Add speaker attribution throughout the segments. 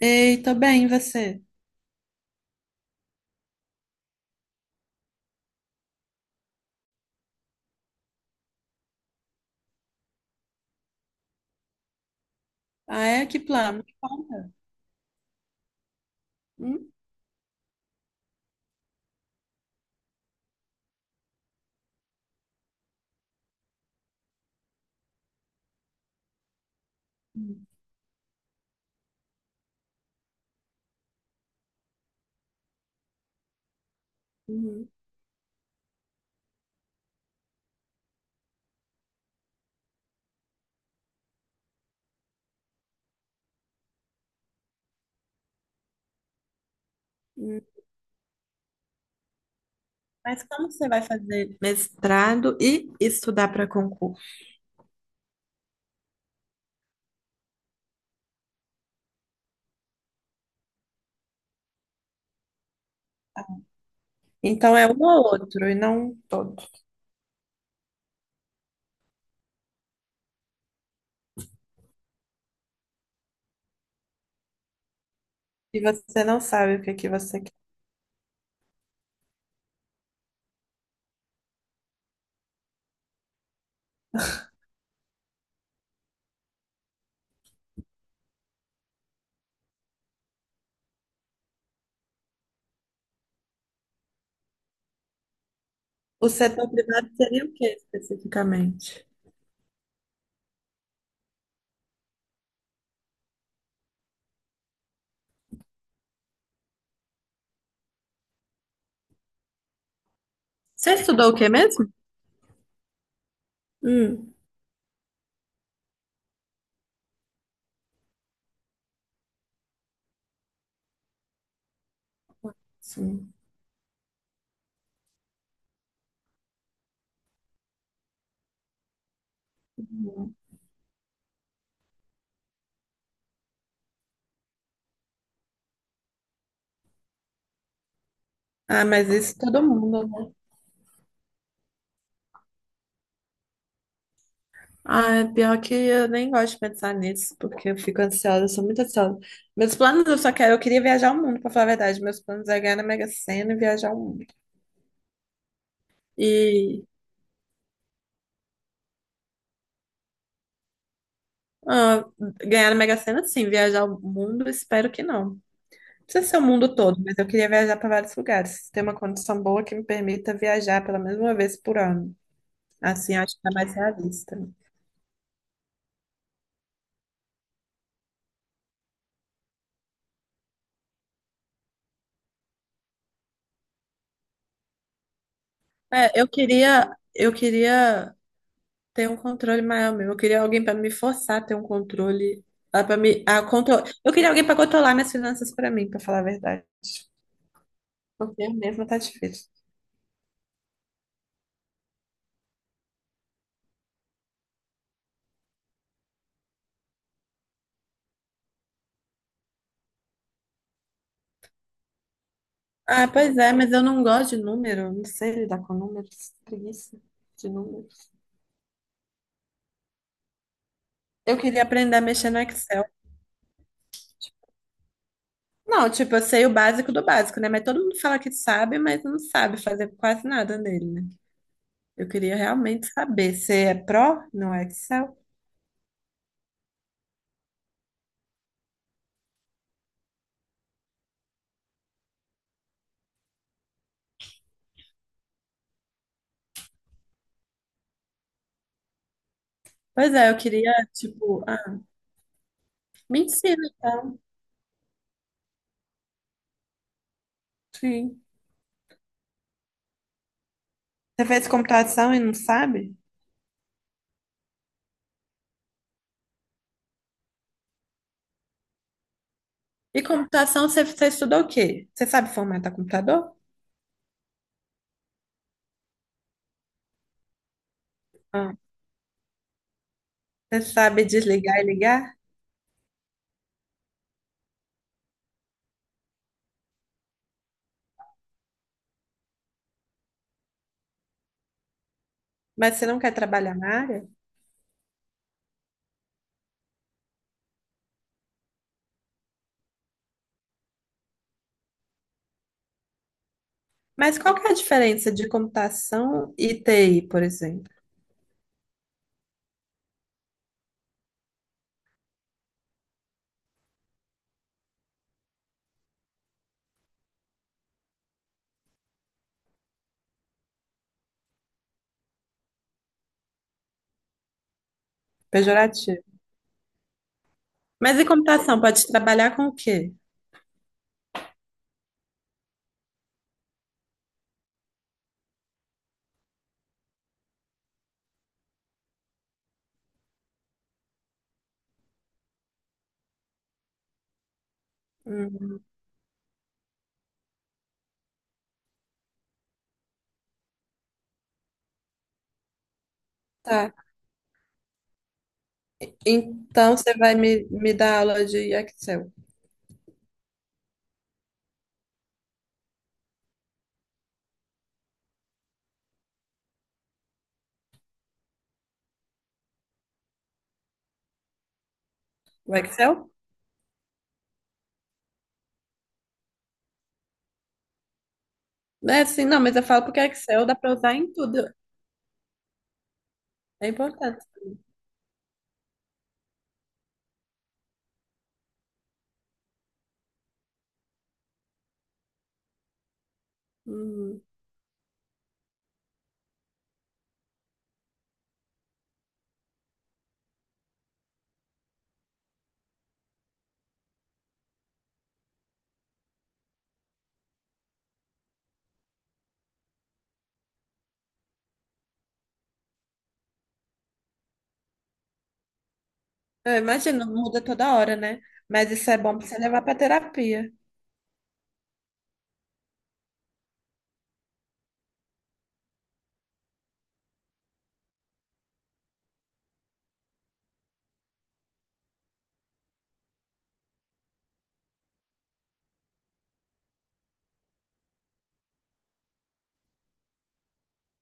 Speaker 1: Ei, tô bem, e você? Ah, é? Que plano? Me conta. Hum? Uhum. Hum. Mas como você vai fazer mestrado e estudar para concurso? Então é um ou outro e não todo. E você não sabe o que é que você quer. O setor privado seria o que especificamente? Você estudou o que mesmo? Hum, sim. Uhum. Ah, mas isso todo mundo. Ah, é pior que eu nem gosto de pensar nisso, porque eu fico ansiosa, eu sou muito ansiosa. Meus planos, eu queria viajar o mundo, pra falar a verdade. Meus planos é ganhar na Mega Sena e viajar o mundo. E ah, Ganhar na Mega Sena, sim, viajar o mundo, espero que não. Não precisa ser o mundo todo, mas eu queria viajar para vários lugares. Ter uma condição boa que me permita viajar pela mesma vez por ano. Assim, acho que é mais realista. É, eu queria ter um controle maior mesmo. Eu queria alguém para me forçar a ter um controle, para me a control... eu queria alguém para controlar minhas finanças para mim, para falar a verdade. Porque eu mesma tá difícil. Ah, pois é, mas eu não gosto de número, não sei lidar com números, preguiça de números. Eu queria aprender a mexer no Excel. Não, tipo, eu sei o básico do básico, né? Mas todo mundo fala que sabe, mas não sabe fazer quase nada nele, né? Eu queria realmente saber. Você é pró no Excel? Pois é, eu queria, me ensina então. Sim. Você fez computação e não sabe? E computação, você estudou o quê? Você sabe formatar computador? Ah, você sabe desligar e ligar? Mas você não quer trabalhar na área? Mas qual que é a diferença de computação e TI, por exemplo? Pejorativo. Mas e computação, pode trabalhar com o quê? Hum, tá. Então você vai me dar aula de Excel. O Excel? É, sim, não, mas eu falo porque Excel dá para usar em tudo. É importante. Hum. Eu imagino, muda toda hora, né? Mas isso é bom para você levar para terapia.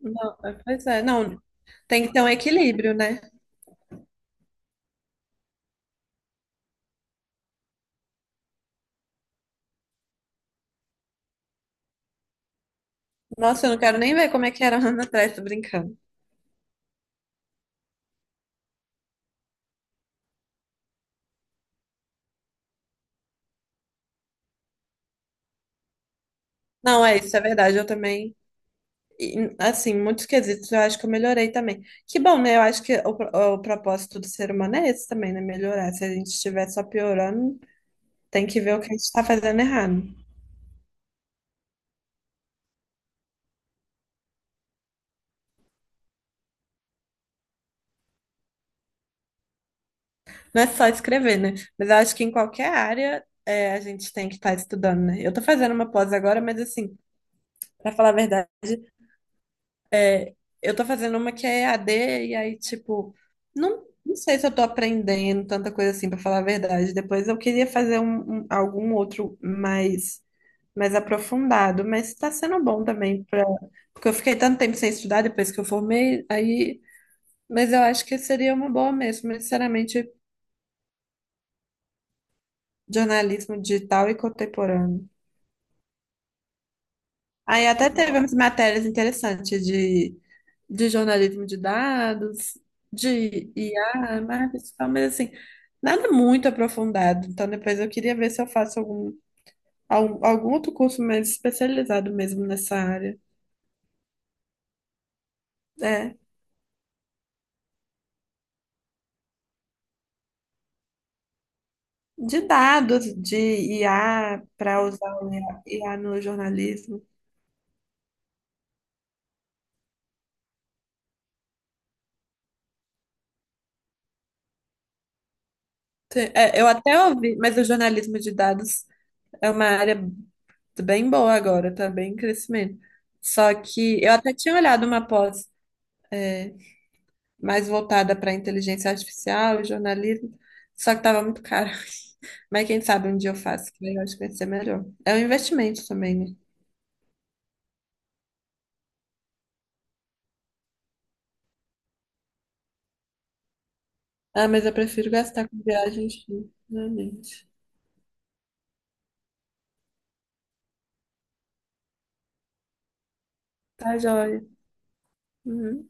Speaker 1: Não, é, pois é, não. Tem que ter um equilíbrio, né? Nossa, eu não quero nem ver como é que era um ano atrás, tô brincando. Não, é isso, é verdade. Eu também. E, assim, muitos quesitos eu acho que eu melhorei também. Que bom, né? Eu acho que o propósito do ser humano é esse também, né? Melhorar. Se a gente estiver só piorando, tem que ver o que a gente está fazendo errado. Não é só escrever, né? Mas eu acho que em qualquer área é, a gente tem que estar estudando, né? Eu tô fazendo uma pós agora, mas assim, para falar a verdade, é, eu tô fazendo uma que é EAD, e aí, não sei se eu tô aprendendo tanta coisa assim, para falar a verdade. Depois eu queria fazer algum outro mais aprofundado, mas está sendo bom também para porque eu fiquei tanto tempo sem estudar depois que eu formei, aí, mas eu acho que seria uma boa mesmo, mas, sinceramente, jornalismo digital e contemporâneo. Aí até teve umas matérias interessantes de jornalismo de dados, de IA, marketing, digital, mas assim, nada muito aprofundado. Então depois eu queria ver se eu faço algum outro curso mais especializado mesmo nessa área. É. De dados de IA para usar o IA no jornalismo. É, eu até ouvi, mas o jornalismo de dados é uma área bem boa agora, tá bem em crescimento. Só que eu até tinha olhado uma pós é, mais voltada para inteligência artificial e jornalismo, só que estava muito caro. Mas quem sabe um dia eu faço, que eu acho que vai ser melhor. É um investimento também, né? Ah, mas eu prefiro gastar com viagens, realmente. Tá joia. Uhum.